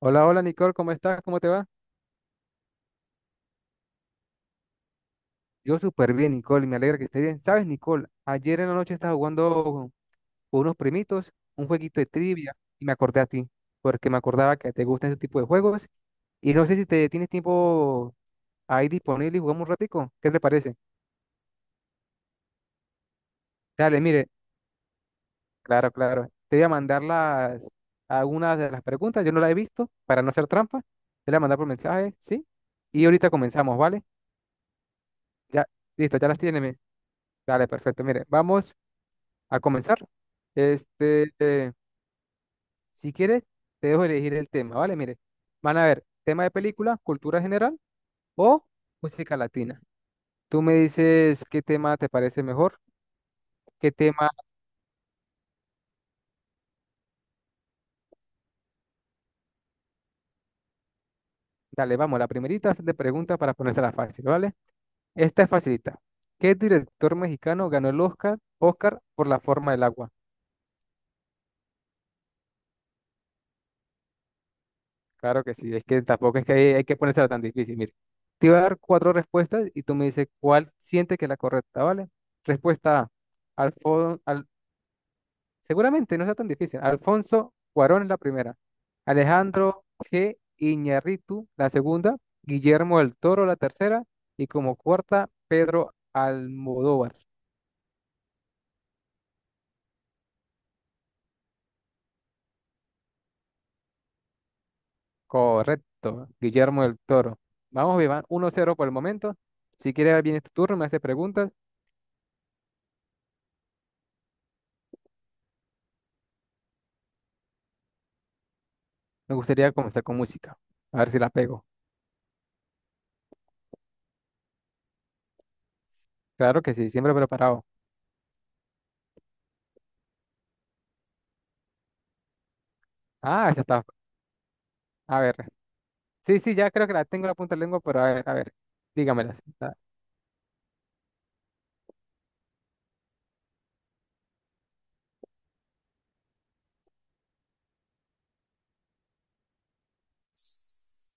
Hola, hola Nicole, ¿cómo estás? ¿Cómo te va? Yo súper bien, Nicole, y me alegra que estés bien. ¿Sabes, Nicole? Ayer en la noche estaba jugando con unos primitos un jueguito de trivia y me acordé a ti, porque me acordaba que te gustan ese tipo de juegos y no sé si te tienes tiempo ahí disponible y jugamos un ratico. ¿Qué te parece? Dale, mire, claro, claro. Te voy a mandar algunas de las preguntas, yo no las he visto, para no hacer trampa. Te las voy a mandar por mensaje, ¿sí? Y ahorita comenzamos, ¿vale? Ya, listo, ya las tienes. Dale, perfecto. Mire, vamos a comenzar. Este, eh, si quieres, te dejo elegir el tema, ¿vale? Mire, van a ver tema de película, cultura general o música latina. Tú me dices qué tema te parece mejor, qué tema, dale, vamos, la primerita de preguntas para ponérsela fácil, ¿vale? Esta es facilita. ¿Qué director mexicano ganó el Oscar por La forma del agua? Claro que sí, es que tampoco es que hay que ponérsela tan difícil. Mire, te voy a dar cuatro respuestas y tú me dices cuál siente que es la correcta, ¿vale? Respuesta A, Alfon, al, seguramente no sea tan difícil. Alfonso Cuarón es la primera. Alejandro G. Iñárritu, la segunda. Guillermo del Toro, la tercera. Y como cuarta, Pedro Almodóvar. Correcto, Guillermo del Toro. Vamos, Iván, uno cero por el momento. Si quieres, viene tu turno, me haces preguntas. Me gustaría comenzar con música. A ver si la pego. Claro que sí, siempre preparado. Ah, esa está. A ver. Sí, sí, ya creo que la tengo en la punta de la lengua, pero a ver, a ver. Dígamela. Ah,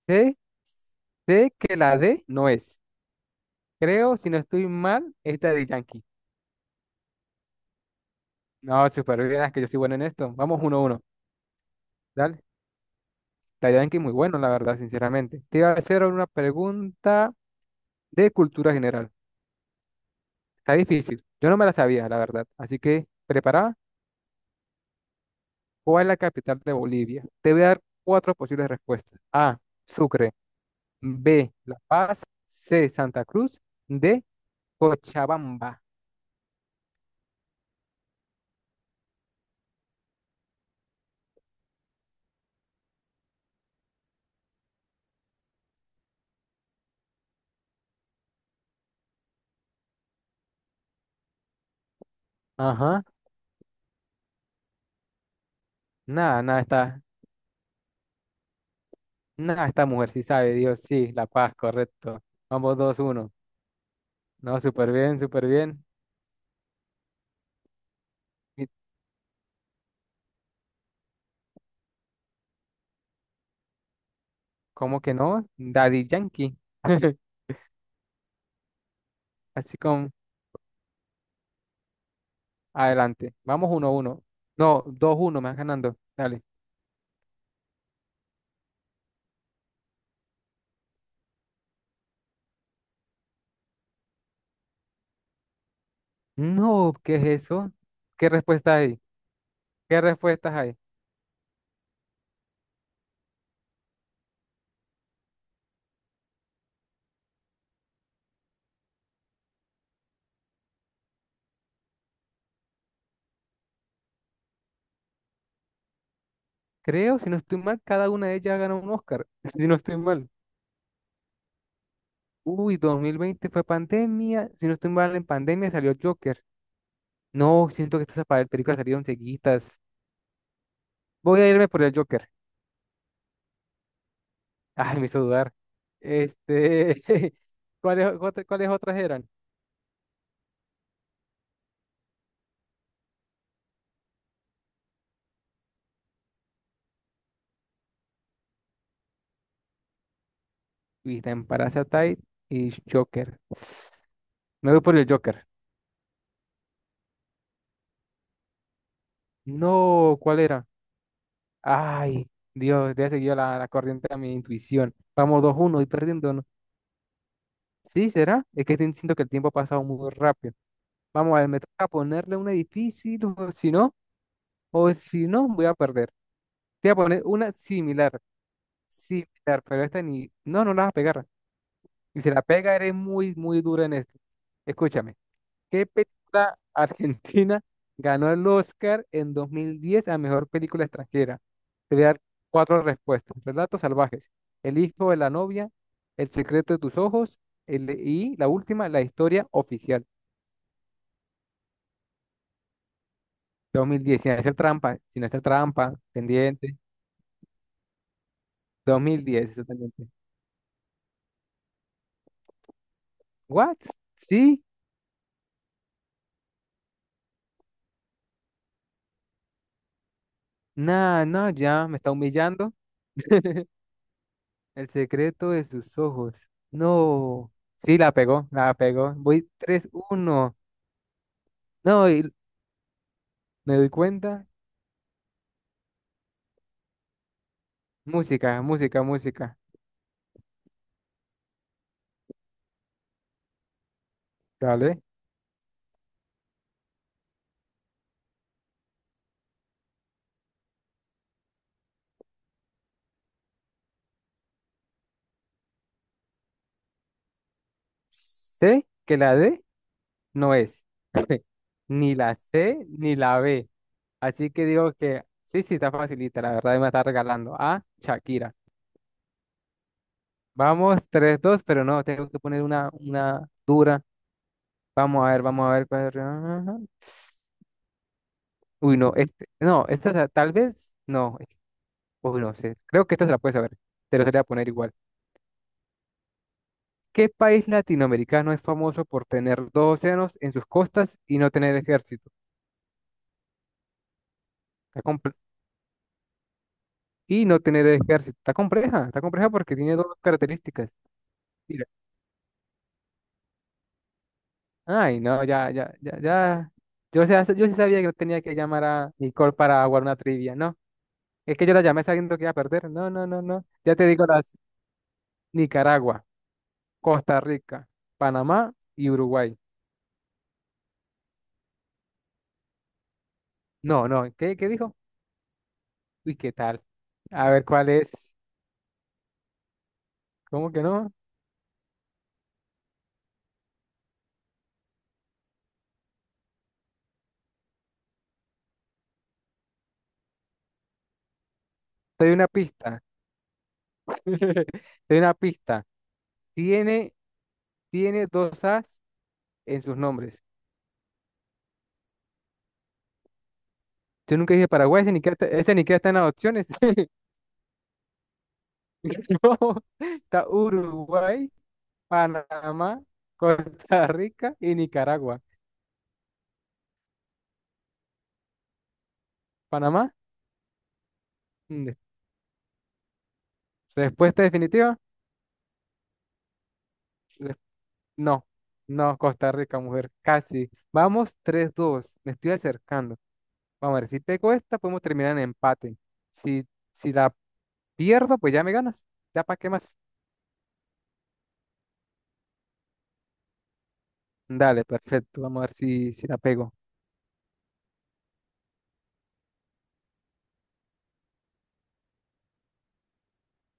Sé, sé que la D no es. Creo, si no estoy mal, es de Yankee. No, súper bien, es que yo soy bueno en esto. Vamos uno a uno. Dale. La Yankee es muy bueno, la verdad, sinceramente. Te iba a hacer una pregunta de cultura general. Está difícil. Yo no me la sabía, la verdad. Así que, ¿preparada? ¿Cuál es la capital de Bolivia? Te voy a dar cuatro posibles respuestas. A, Sucre. B, La Paz. C, Santa Cruz. D, Cochabamba. Ajá. Nada, nada está. Nada, esta mujer sí sabe, Dios, sí, La Paz, correcto. Vamos, dos, uno. No, súper bien, súper bien. ¿Y ¿Cómo que no? Daddy Yankee. Así con, adelante. Vamos, uno, uno. No, dos, uno, me vas ganando. Dale. No, ¿qué es eso? ¿Qué respuesta hay? ¿Qué respuestas hay? Creo, si no estoy mal, cada una de ellas ganó un Oscar, si no estoy mal. Uy, 2020 fue pandemia, si no estoy mal, en pandemia salió Joker. No, siento que estas películas salieron seguidas. Voy a irme por el Joker. Ay, me hizo dudar. Este, ¿ cuáles otras eran? Vista en Parasite y Joker. Me voy por el Joker. No, ¿cuál era? Ay, Dios, le he seguido la corriente a mi intuición. Vamos 2-1 y perdiendo, ¿no? Sí, ¿será? Es que siento que el tiempo ha pasado muy rápido. Vamos a ver, me toca ponerle una difícil, o si no, voy a perder. Te voy a poner una similar, similar, pero esta ni... No, no la vas a pegar. Y si la pega, eres muy, muy dura en esto. Escúchame, ¿qué película argentina ganó el Oscar en 2010 a mejor película extranjera? Te voy a dar cuatro respuestas. Relatos salvajes, El hijo de la novia, El secreto de tus ojos, y la última, La historia oficial. 2010, sin hacer trampa, sin hacer trampa, pendiente. 2010 exactamente. ¿What? ¿Sí? Nah, no, ya me está humillando. El secreto de sus ojos. No. Sí, la pegó, la pegó. Voy tres uno. No, y me doy cuenta. Música, música, música. Dale. Sé que la D no es. Ni la C ni la B. Así que digo que sí, sí, está facilita. La verdad me está regalando a Shakira. Vamos, tres dos, pero no, tengo que poner una dura. Vamos a ver, vamos a ver. Ajá. Uy, no, este, no, esta tal vez, no, uy, no sé, creo que esta se la puedes saber, te lo voy a poner igual. ¿Qué país latinoamericano es famoso por tener dos océanos en sus costas y no tener ejército? Está comple- y no tener ejército, está compleja porque tiene dos características. Mira, ay, no, ya, ya, ya, ya. Yo sí sabía que no tenía que llamar a Nicole para jugar una trivia, no. Es que yo la llamé sabiendo que iba a perder. No, no, no, no. Ya te digo las. Nicaragua. Costa Rica, Panamá y Uruguay. No, no, ¿qué dijo? Uy, ¿qué tal? A ver cuál es. ¿Cómo que no? Te doy una pista. Te doy una pista. Tiene, tiene dos as en sus nombres. Yo nunca dije Paraguay, ese ni que está en las opciones. No, está Uruguay, Panamá, Costa Rica y Nicaragua. Panamá, mm, respuesta definitiva. No, no, Costa Rica, mujer, casi. Vamos tres dos, me estoy acercando. Vamos a ver, si pego esta, podemos terminar en empate. Si, si la pierdo, pues ya me ganas. Ya para qué más. Dale, perfecto. Vamos a ver si la pego.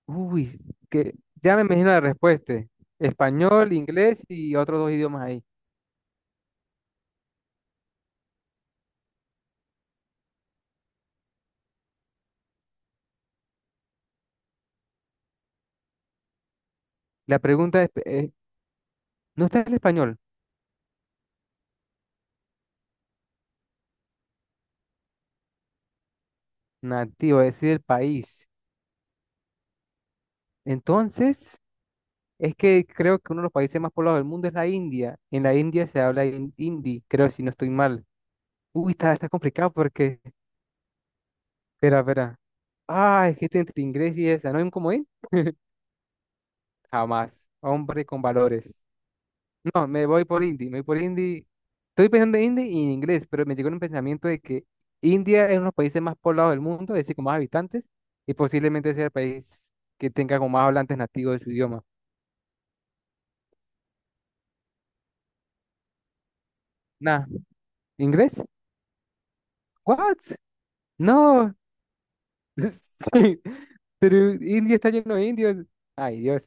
Uy, que ya me imagino la respuesta. Español, inglés y otros dos idiomas ahí. La pregunta es, ¿no está el español? Nativo, es decir, el país. Entonces, es que creo que uno de los países más poblados del mundo es la India. En la India se habla hindi, creo, si no estoy mal. Uy, está complicado porque. Espera, espera. Ah, es que está entre inglés y esa. ¿No hay un comodín? Jamás. Hombre con valores. No, me voy por hindi. Me voy por hindi. Estoy pensando en hindi y en inglés, pero me llegó un pensamiento de que India es uno de los países más poblados del mundo, es decir, con más habitantes, y posiblemente sea el país que tenga con más hablantes nativos de su idioma. Nah, ¿inglés? ¿What? No, sí, pero India está lleno de indios. Ay, Dios.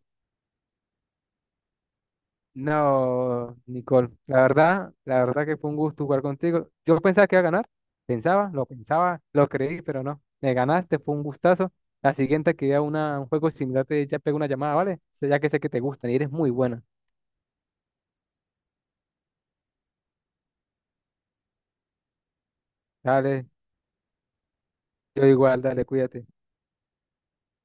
No, Nicole, la verdad que fue un gusto jugar contigo. Yo pensaba que iba a ganar, pensaba, lo creí, pero no. Me ganaste, fue un gustazo. La siguiente que vea un juego similar, te ya pego una llamada, ¿vale? Ya que sé que te gustan y eres muy buena. Dale, yo igual, dale, cuídate.